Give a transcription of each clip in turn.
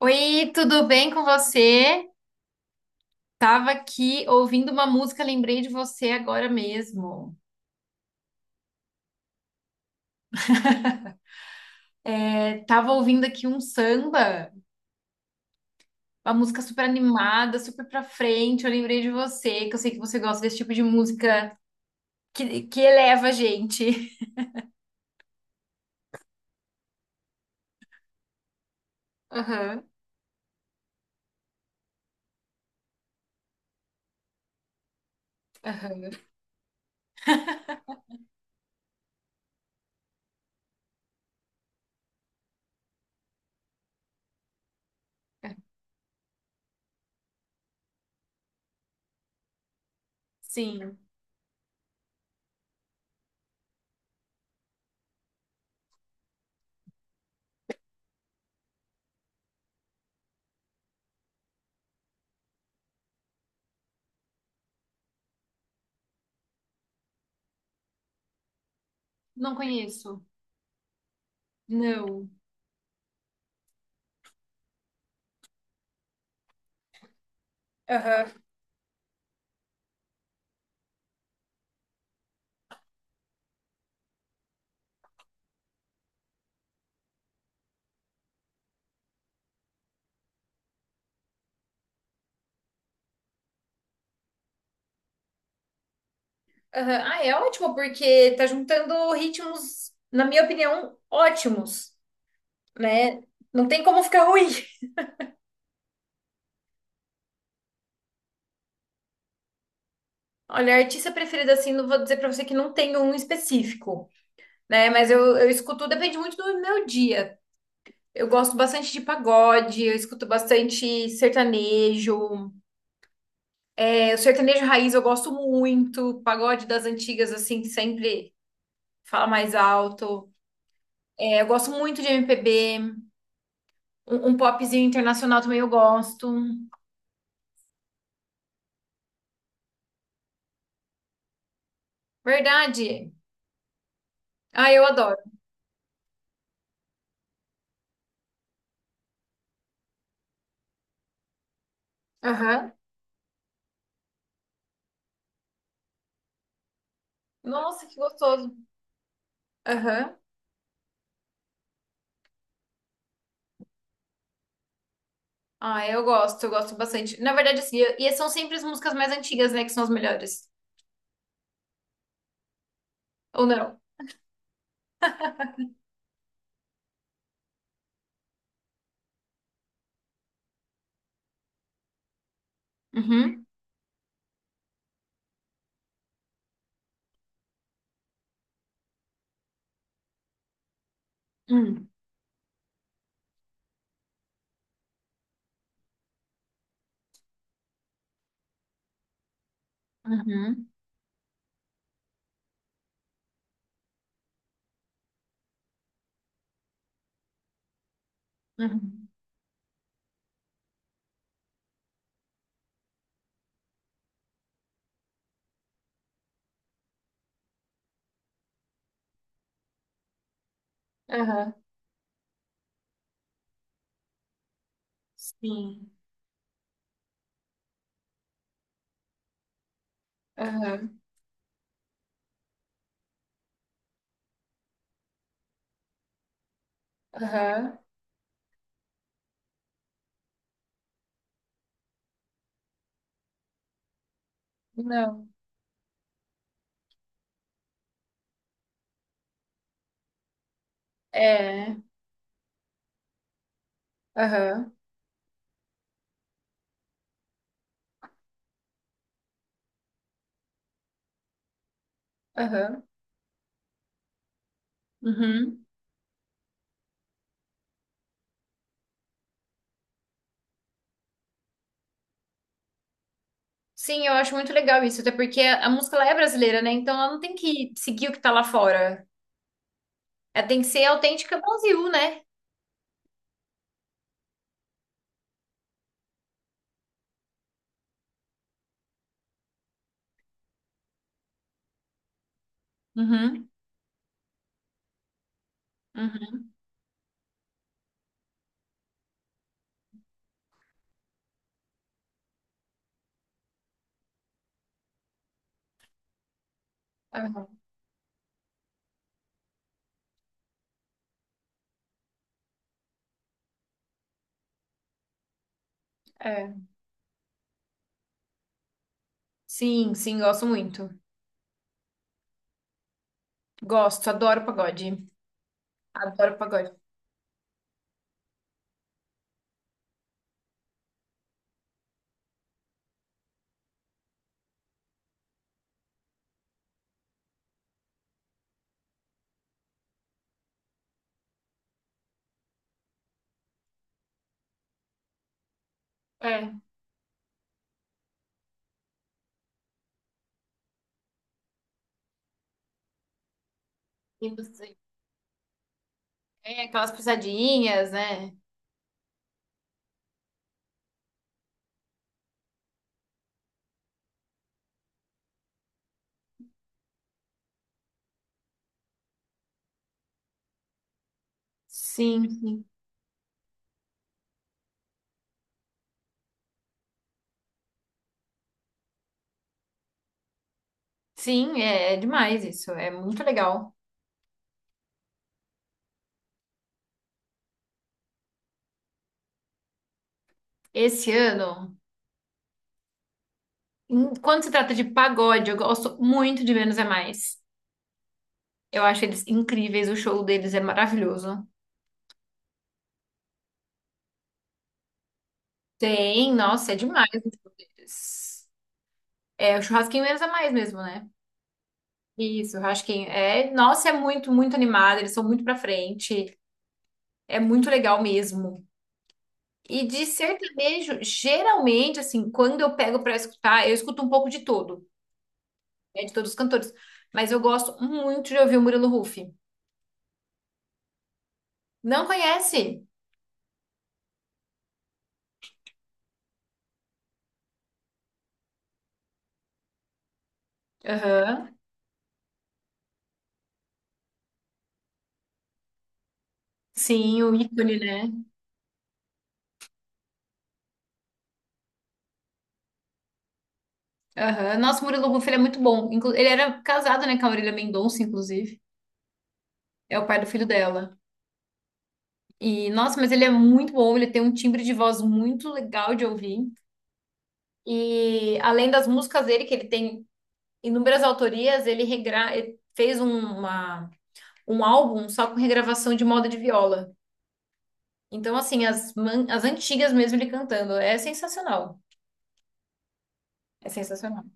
Oi, tudo bem com você? Tava aqui ouvindo uma música, lembrei de você agora mesmo. É, tava ouvindo aqui um samba, uma música super animada, super pra frente. Eu lembrei de você, que eu sei que você gosta desse tipo de música que eleva a gente. Aham, aham. Sim, não conheço. Não. Aham, aham. Ah, é ótimo, porque tá juntando ritmos, na minha opinião, ótimos, né? Não tem como ficar ruim. Olha, artista preferida, assim, não vou dizer pra você que não tem um específico, né? Mas eu escuto, depende muito do meu dia. Eu gosto bastante de pagode, eu escuto bastante sertanejo. É, o sertanejo raiz eu gosto muito, pagode das antigas, assim, que sempre fala mais alto. É, eu gosto muito de MPB, um popzinho internacional também eu gosto. Verdade? Ah, eu adoro. Aham. Nossa, que gostoso. Aham. Ah, eu gosto bastante. Na verdade, assim, são sempre as músicas mais antigas, né, que são as melhores. Ou não? Uhum. Hum. Uhum. Uhum. Aham. Sim. Aham. Aham. Não. É. Aham. Aham. Uhum. Sim, eu acho muito legal isso, até porque a música ela é brasileira, né? Então ela não tem que seguir o que tá lá fora. Ela tem que ser autêntica Brasil, né? Uhum. Uhum. Aham. É. Sim, gosto muito. Gosto, adoro pagode. Adoro pagode. É, e você- é aquelas pisadinhas, né? Sim, sim. Sim, é, é demais isso. É muito legal. Esse ano, quando se trata de pagode, eu gosto muito de Menos é Mais. Eu acho eles incríveis, o show deles é maravilhoso. Tem, nossa, é demais o show deles. É o churrasquinho Menos é Mais mesmo, né? Isso, o churrasquinho. É, nossa, é muito, muito animado, eles são muito pra frente. É muito legal mesmo. E de sertanejo, geralmente, assim, quando eu pego pra escutar, eu escuto um pouco de todo, né, de todos os cantores. Mas eu gosto muito de ouvir o Murilo Huff. Não conhece? Aham. Sim, o ícone, né? Aham. Nossa, o Murilo Huff, ele é muito bom. Ele era casado, né, com a Marília Mendonça, inclusive. É o pai do filho dela. E, nossa, mas ele é muito bom. Ele tem um timbre de voz muito legal de ouvir. E, além das músicas dele, que ele tem inúmeras autorias, ele fez uma... um álbum só com regravação de moda de viola. Então, assim, as antigas mesmo ele cantando. É sensacional. É sensacional.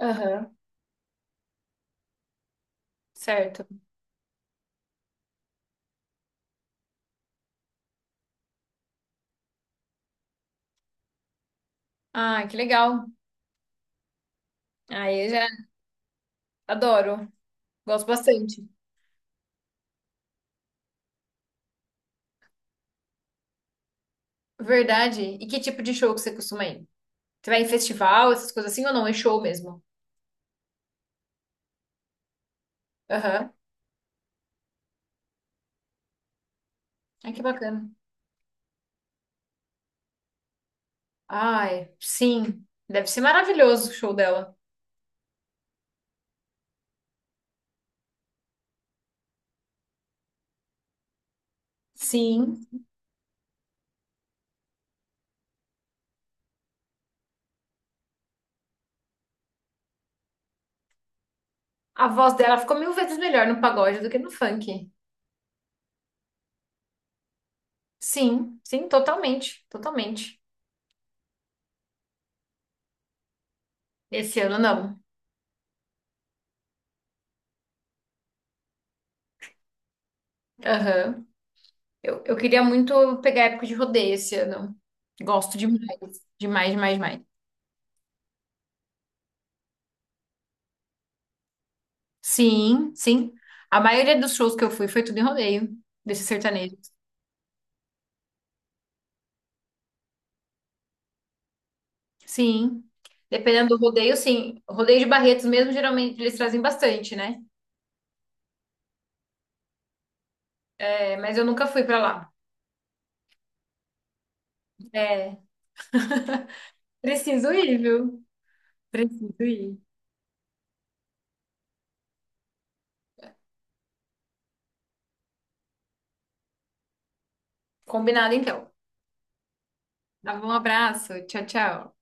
Aham. Certo. Ah, que legal. Aí eu já adoro. Gosto bastante. Verdade. E que tipo de show que você costuma ir? Você vai em festival, essas coisas assim ou não? É show mesmo? Aham. Ai, que bacana. Ai, sim. Deve ser maravilhoso o show dela. Sim. A voz dela ficou mil vezes melhor no pagode do que no funk. Sim, totalmente, totalmente. Esse ano não. Aham. Eu queria muito pegar a época de rodeio esse ano. Gosto demais. Demais, demais, demais. Sim, sim. A maioria dos shows que eu fui foi tudo em rodeio, desses sertanejos. Sim. Dependendo do rodeio, sim. Rodeio de Barretos mesmo, geralmente eles trazem bastante, né? É, mas eu nunca fui pra lá. É. Preciso ir, viu? Preciso ir. Combinado, então. Tá bom, um abraço. Tchau, tchau.